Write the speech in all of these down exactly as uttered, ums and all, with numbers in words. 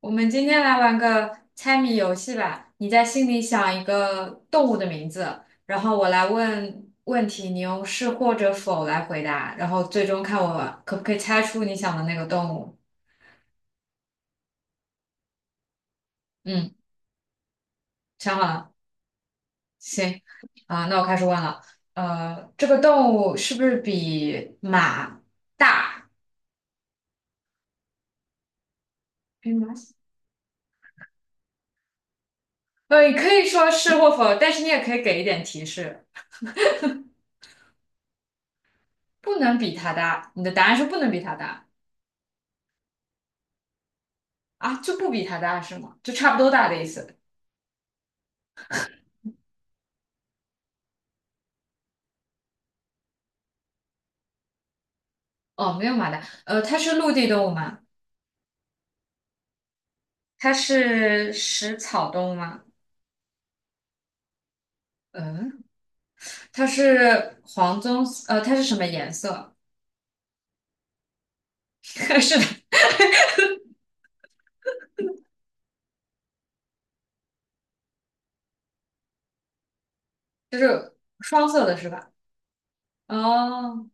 我们今天来玩个猜谜游戏吧。你在心里想一个动物的名字，然后我来问问题，你用是或者否来回答，然后最终看我可不可以猜出你想的那个动物。嗯，想好了，行。啊，那我开始问了。呃，这个动物是不是比马大？比马小？呃，你可以说是或否，但是你也可以给一点提示，不能比它大。你的答案是不能比它大。啊，就不比它大是吗？就差不多大的意思。哦，没有马达，呃，它是陆地动物吗？它是食草动物吗？嗯，它是黄棕，呃，它是什么颜色？是的，就是双色的是吧？哦，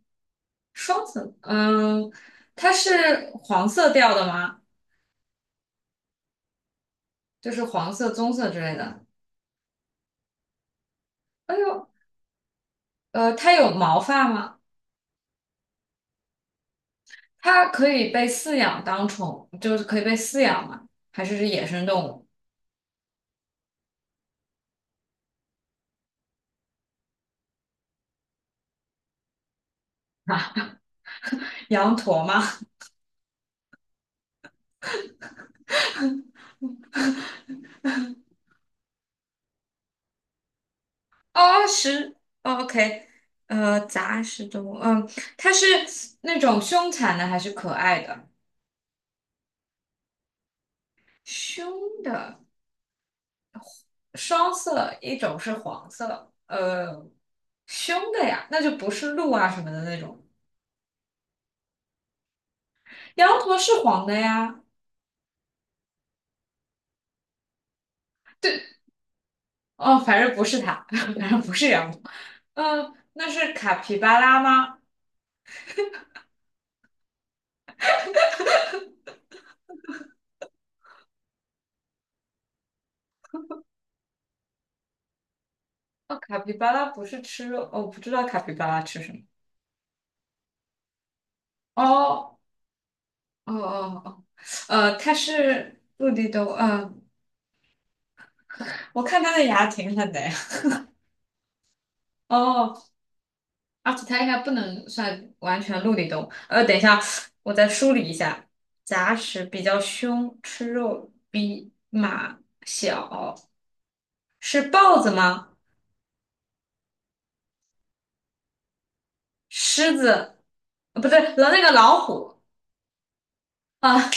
双色，嗯，它是黄色调的吗？就是黄色、棕色之类的。哎呦，呃，它有毛发吗？它可以被饲养当宠，就是可以被饲养吗？还是是野生动物？啊，羊驼吗？哦，食哦，OK，呃，杂食动物，嗯，它是那种凶残的还是可爱的？凶的，双色，一种是黄色，呃，凶的呀，那就不是鹿啊什么的那种。羊驼是黄的呀，对，哦，反正不是它，反正不是羊驼，嗯，那是卡皮巴拉吗？哦，卡皮巴拉不是吃肉，哦，我不知道卡皮巴拉吃什么。哦，哦哦哦，呃，它是陆地动物，嗯、我看它的牙挺狠的呀。哦，而且它应该不能算完全陆地动物。呃，等一下，我再梳理一下。杂食比较凶，吃肉比马小，是豹子吗？狮子？呃，不对，了那个老虎啊！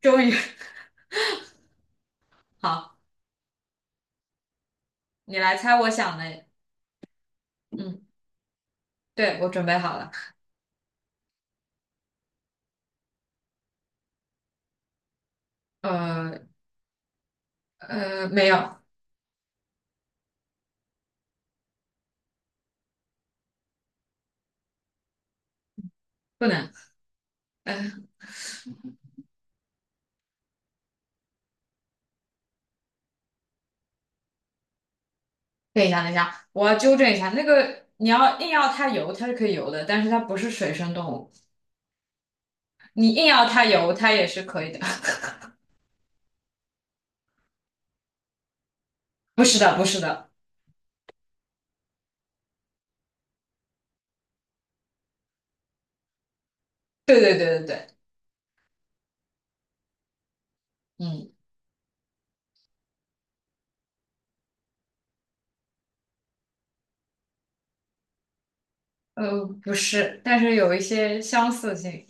终于，好，你来猜我想的。嗯，对，我准备好了。呃呃，没有，不能。呃，等一下，等一下，我要纠正一下。那个你要硬要它游，它是可以游的，但是它不是水生动物。你硬要它油，它也是可以的。不是的，不是的，对对对对对，嗯，呃，不是，但是有一些相似性，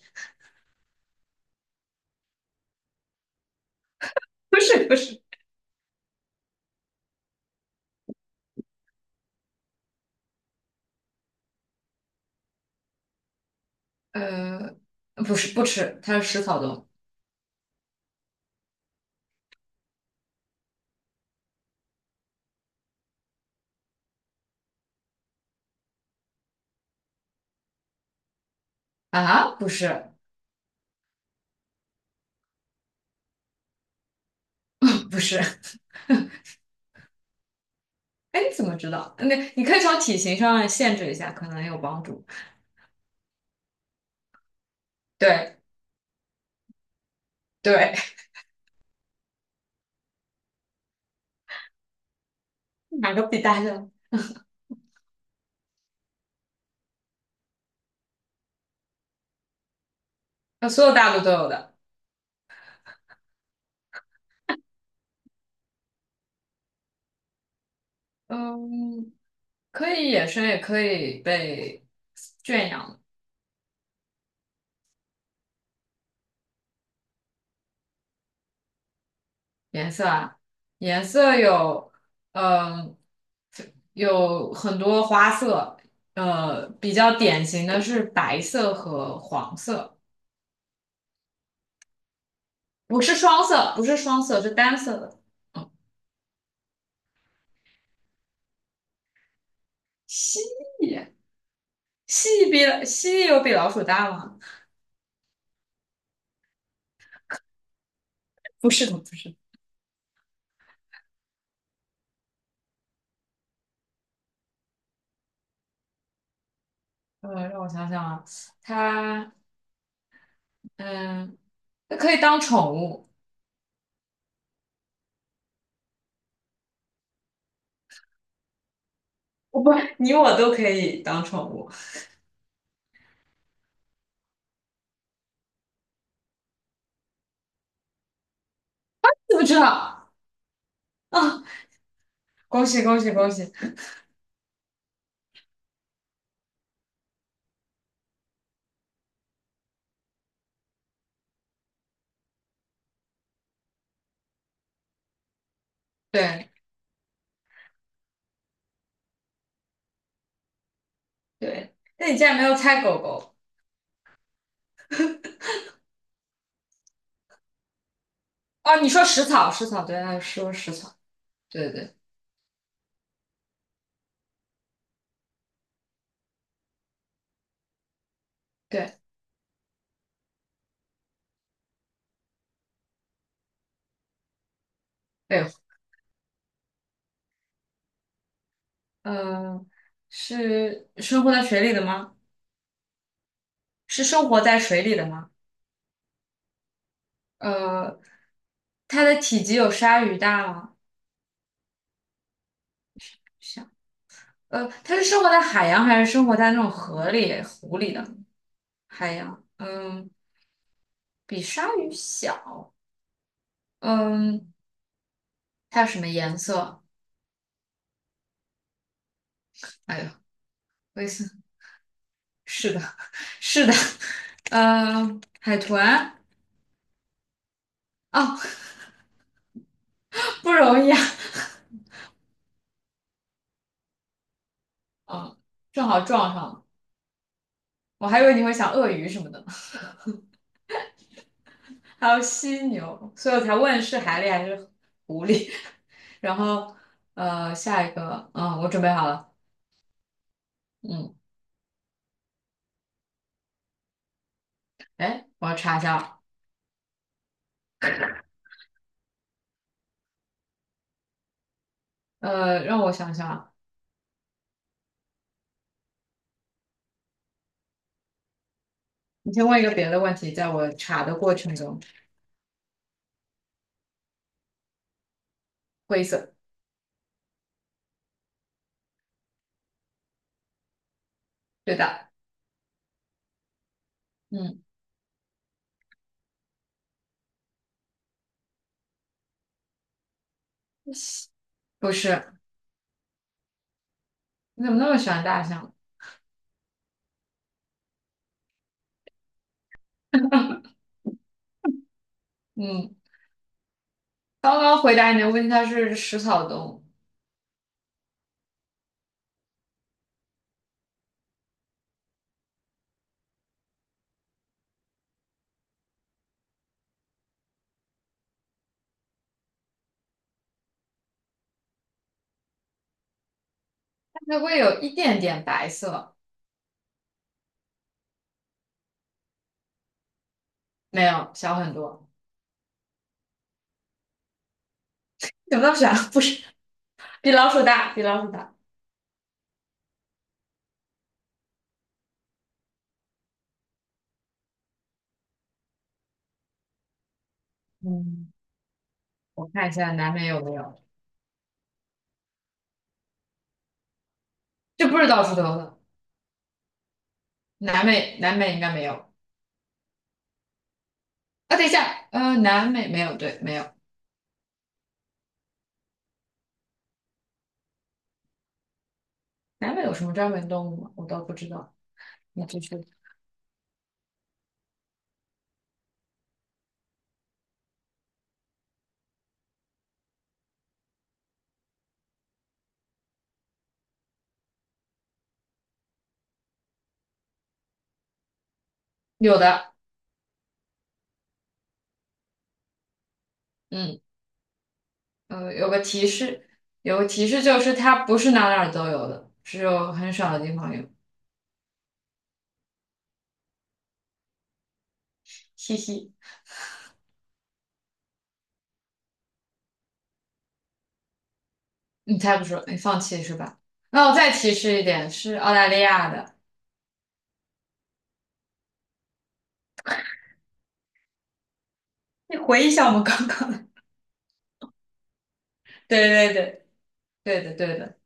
不是不是，呃，不是不吃，它是食草动啊，不是不是，哎，你怎么知道？那你可以从体型上限制一下，可能有帮助。对对，哪个比大象？呃，所有大陆都有的，嗯，可以野生，也可以被圈养。颜色啊，颜色有，嗯、有很多花色，呃，比较典型的是白色和黄色，不是双色，不是双色，是单色的。蜥蜴，蜥蜴比蜥蜴有比老鼠大吗？不是的，不是。呃，让我想想啊，它，嗯，它可以当宠物，哦不，你我都可以当宠物，知不知道？啊，恭喜恭喜恭喜！对对，那你竟然没有猜狗狗。哦，你说食草，食草，对，他说食草，对对对对，对呃，是生活在水里的吗？是生活在水里的吗？呃，它的体积有鲨鱼大吗？想，呃，它是生活在海洋还是生活在那种河里、湖里的海洋？嗯，比鲨鱼小。嗯，它有什么颜色？哎呦，灰色。是的，是的，嗯、海豚。哦，不容易啊，嗯，正好撞上了。我还以为你会想鳄鱼什么的，还有犀牛，所以我才问是海狸还是狐狸。然后，呃，下一个，嗯，我准备好了，嗯，哎，我要查一下啊，呃，让我想想啊，你先问一个别的问题，在我查的过程中，灰色，对的，嗯，不是，你怎么那么喜欢大象？嗯，刚刚回答你的问题，它是食草动物，它会有一点点白色，没有，小很多，怎么那么喜欢？不是，比老鼠大，比老鼠大，嗯。我看一下南美有没有，这不是到处都有的。南美，南美应该没有。啊，等一下，呃，南美没有，对，没有。南美有什么专门动物吗？我倒不知道。你继续。有的，嗯，呃，有个提示，有个提示就是它不是哪哪儿都有的，只有很少的地方有。嘻嘻，你猜不出，你放弃是吧？那我再提示一点，是澳大利亚的。你回忆一下我们刚刚的，对对对，对的对的，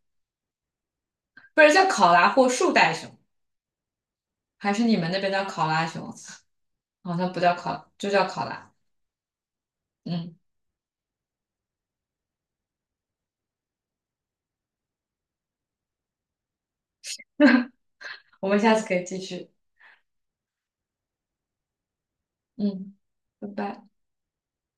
不是叫考拉或树袋熊，还是你们那边叫考拉熊？好像不叫考，就叫考拉。嗯，我们下次可以继续。嗯，拜拜。